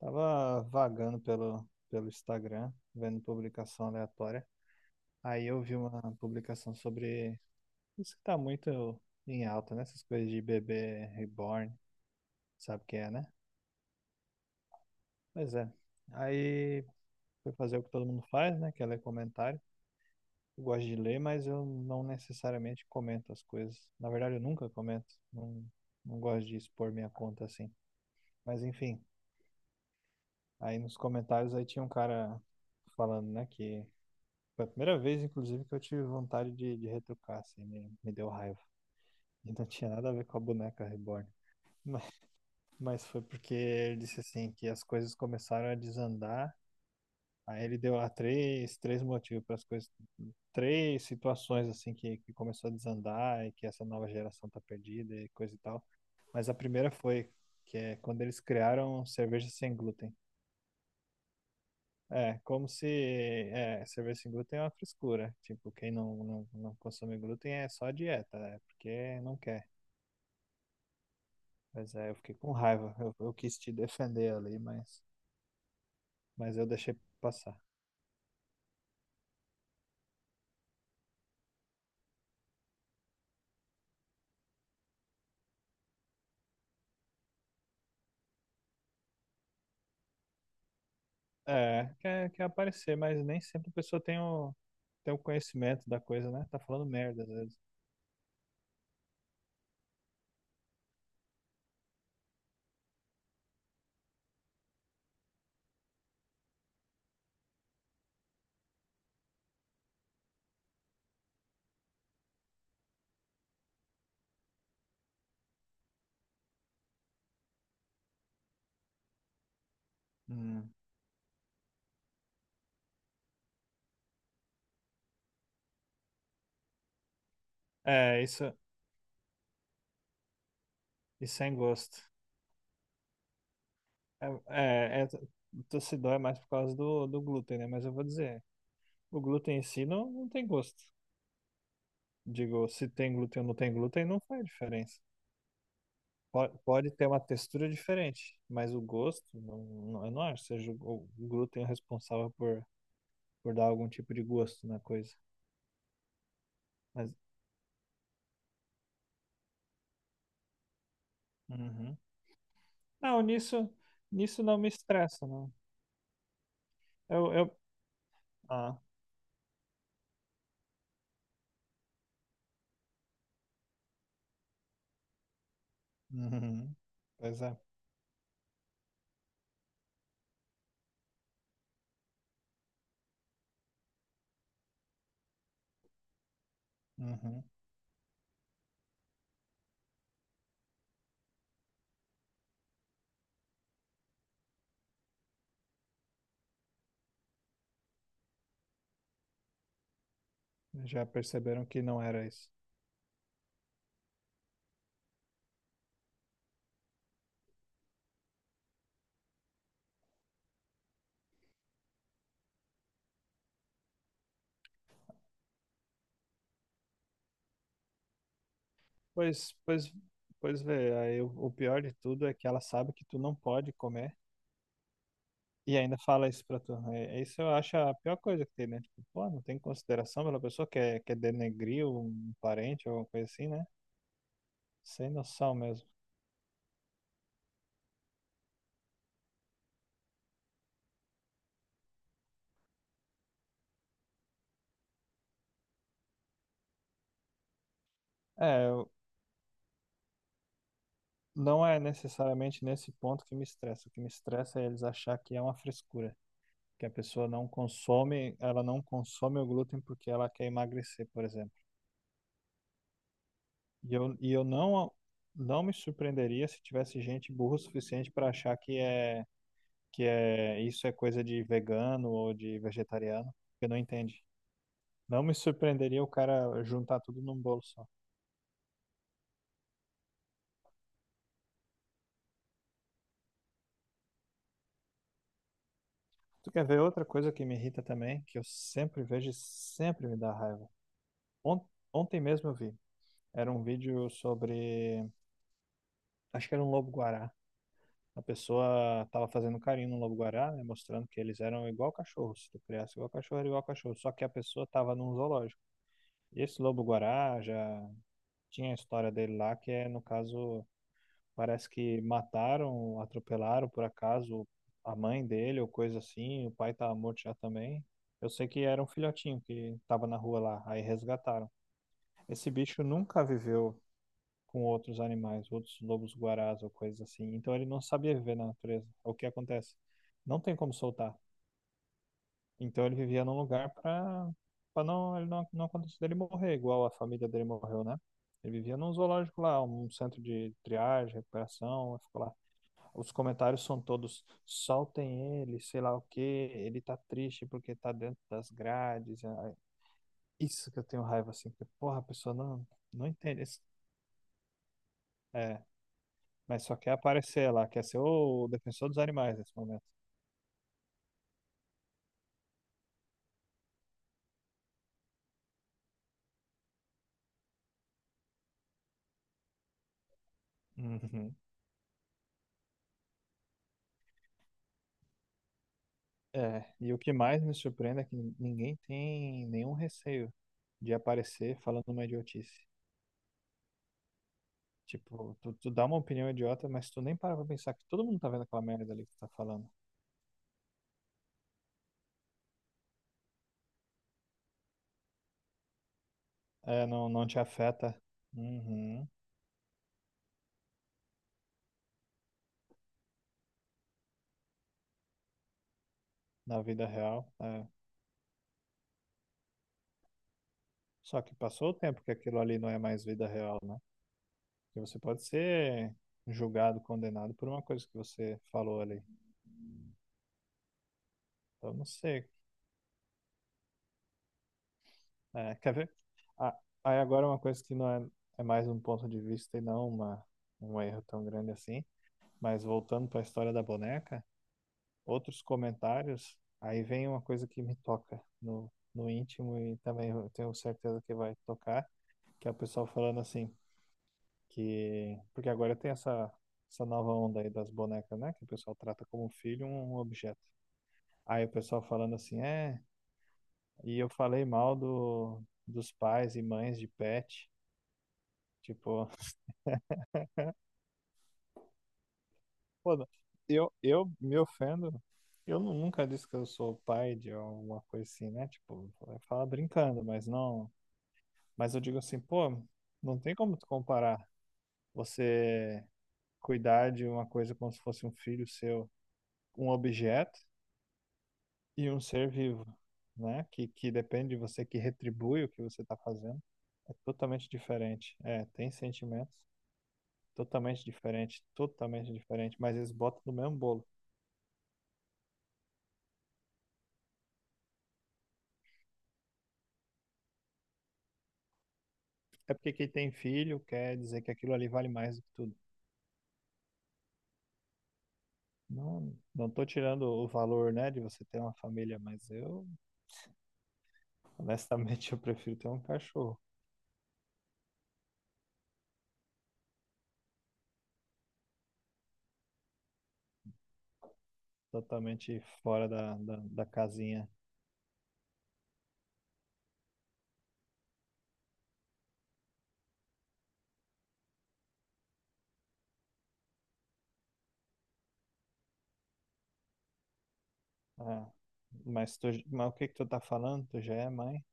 Tava vagando pelo Instagram, vendo publicação aleatória. Aí eu vi uma publicação sobre isso que tá muito em alta, né? Essas coisas de bebê reborn, sabe o que é, né? Pois é. Aí fui fazer o que todo mundo faz, né? Que é ler comentário. Eu gosto de ler, mas eu não necessariamente comento as coisas. Na verdade, eu nunca comento. Não, não gosto de expor minha conta assim. Mas enfim, aí nos comentários aí tinha um cara falando, né? Que foi a primeira vez, inclusive, que eu tive vontade de retrucar, assim, me deu raiva. E não tinha nada a ver com a boneca reborn. Mas, mas foi porque ele disse assim que as coisas começaram a desandar. Aí ele deu lá três motivos para as coisas, três situações assim que começou a desandar e que essa nova geração tá perdida e coisa e tal. Mas a primeira foi que é quando eles criaram cerveja sem glúten. É, como se é, cerveja sem glúten é uma frescura. Tipo, quem não consome glúten é só dieta, é porque não quer. Mas é, eu fiquei com raiva. Eu quis te defender ali, mas eu deixei passar. É, quer aparecer, mas nem sempre a pessoa tem tem o conhecimento da coisa, né? Tá falando merda às vezes. Hum. É, isso sem gosto. É, é, é, tossidó é mais por causa do glúten, né? Mas eu vou dizer, o glúten em si não tem gosto. Digo, se tem glúten ou não tem glúten, não faz diferença. Pode ter uma textura diferente, mas o gosto, não, eu não acho que seja o glúten responsável por dar algum tipo de gosto na coisa. Mas, uhum. Não, nisso, nisso não me estressa, não. Eu, eu... Ah, uhum. Pois é. Uhum. Já perceberam que não era isso. Pois, pois, pois vê, aí o pior de tudo é que ela sabe que tu não pode comer. E ainda fala isso pra tu, né? É, isso eu acho a pior coisa que tem, né? Tipo, pô, não tem consideração pela pessoa que é, quer denegrir um parente ou alguma coisa assim, né? Sem noção mesmo. É, não é necessariamente nesse ponto que me estressa. O que me estressa é eles achar que é uma frescura. Que a pessoa não consome, ela não consome o glúten porque ela quer emagrecer, por exemplo. E eu não, não me surpreenderia se tivesse gente burra o suficiente para achar que é. Isso é coisa de vegano ou de vegetariano, que não entende. Não me surpreenderia o cara juntar tudo num bolo só. Tu quer ver outra coisa que me irrita também, que eu sempre vejo e sempre me dá raiva? Ont- Ontem mesmo eu vi. Era um vídeo sobre. Acho que era um lobo-guará. A pessoa estava fazendo carinho no lobo-guará, né, mostrando que eles eram igual cachorro. Se tu criasse igual cachorro, era igual cachorro. Só que a pessoa estava num zoológico. E esse lobo-guará já tinha a história dele lá, que é, no caso. Parece que mataram, atropelaram por acaso a mãe dele ou coisa assim. O pai tava morto já também. Eu sei que era um filhotinho que tava na rua lá, aí resgataram. Esse bicho nunca viveu com outros animais, outros lobos-guarás ou coisas assim. Então ele não sabia viver na natureza. É. O que acontece? Não tem como soltar. Então ele vivia num lugar para ele não acontecer dele morrer, igual a família dele morreu, né? Ele vivia num zoológico lá, um centro de triagem, recuperação, ficou lá. Os comentários são todos, soltem ele, sei lá o quê, ele tá triste porque tá dentro das grades. Ah, isso que eu tenho raiva, assim, porque, porra, a pessoa não entende isso. É, mas só quer aparecer lá, quer ser o defensor dos animais nesse momento. Uhum. É, e o que mais me surpreende é que ninguém tem nenhum receio de aparecer falando uma idiotice. Tipo, tu dá uma opinião idiota, mas tu nem para pra pensar que todo mundo tá vendo aquela merda ali que tu tá falando. É, não te afeta. Uhum. Na vida real. É. Só que passou o tempo que aquilo ali não é mais vida real, né? Porque você pode ser julgado, condenado por uma coisa que você falou ali. Então, não sei. É, quer ver? Ah, aí agora é uma coisa que não é, é mais um ponto de vista e não um erro tão grande assim. Mas voltando para a história da boneca, outros comentários, aí vem uma coisa que me toca no íntimo e também eu tenho certeza que vai tocar, que é o pessoal falando assim. Que porque agora tem essa nova onda aí das bonecas, né, que o pessoal trata como um filho um objeto. Aí o pessoal falando assim, é, e eu falei mal do dos pais e mães de pet, tipo, pô, eu me ofendo. Nunca disse que eu sou pai de alguma coisa assim, né? Tipo, fala brincando, mas não, mas eu digo assim, pô, não tem como tu comparar você cuidar de uma coisa como se fosse um filho seu, um objeto e um ser vivo, né? Que depende de você, que retribui o que você está fazendo. É totalmente diferente. É, tem sentimentos totalmente diferentes, mas eles botam no mesmo bolo. É porque quem tem filho quer dizer que aquilo ali vale mais do que tudo. Não tô tirando o valor, né, de você ter uma família, mas eu, honestamente, eu prefiro ter um cachorro totalmente fora da casinha. Ah, mas o que que tu tá falando? Tu já é mãe?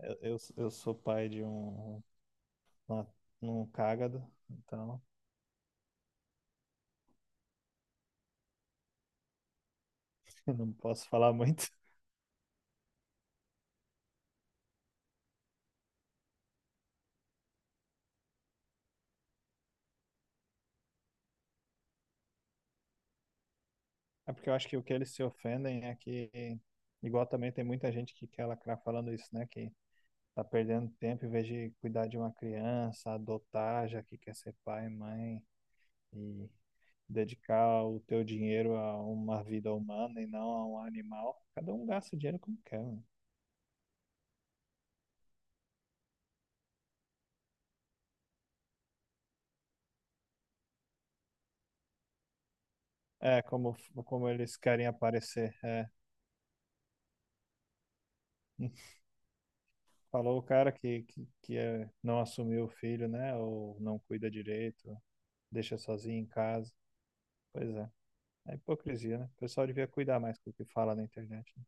Eu sou pai de um, uma- um cágado, então não posso falar muito. É porque eu acho que o que eles se ofendem é que, igual também tem muita gente que quer lacrar falando isso, né? Que tá perdendo tempo em vez de cuidar de uma criança, adotar, já que quer ser pai, mãe, e dedicar o teu dinheiro a uma vida humana e não a um animal. Cada um gasta o dinheiro como quer, né? É, como, como eles querem aparecer. É. Falou o cara que é, não assumiu o filho, né? Ou não cuida direito, deixa sozinho em casa. Pois é, é hipocrisia, né? O pessoal devia cuidar mais do que fala na internet, né?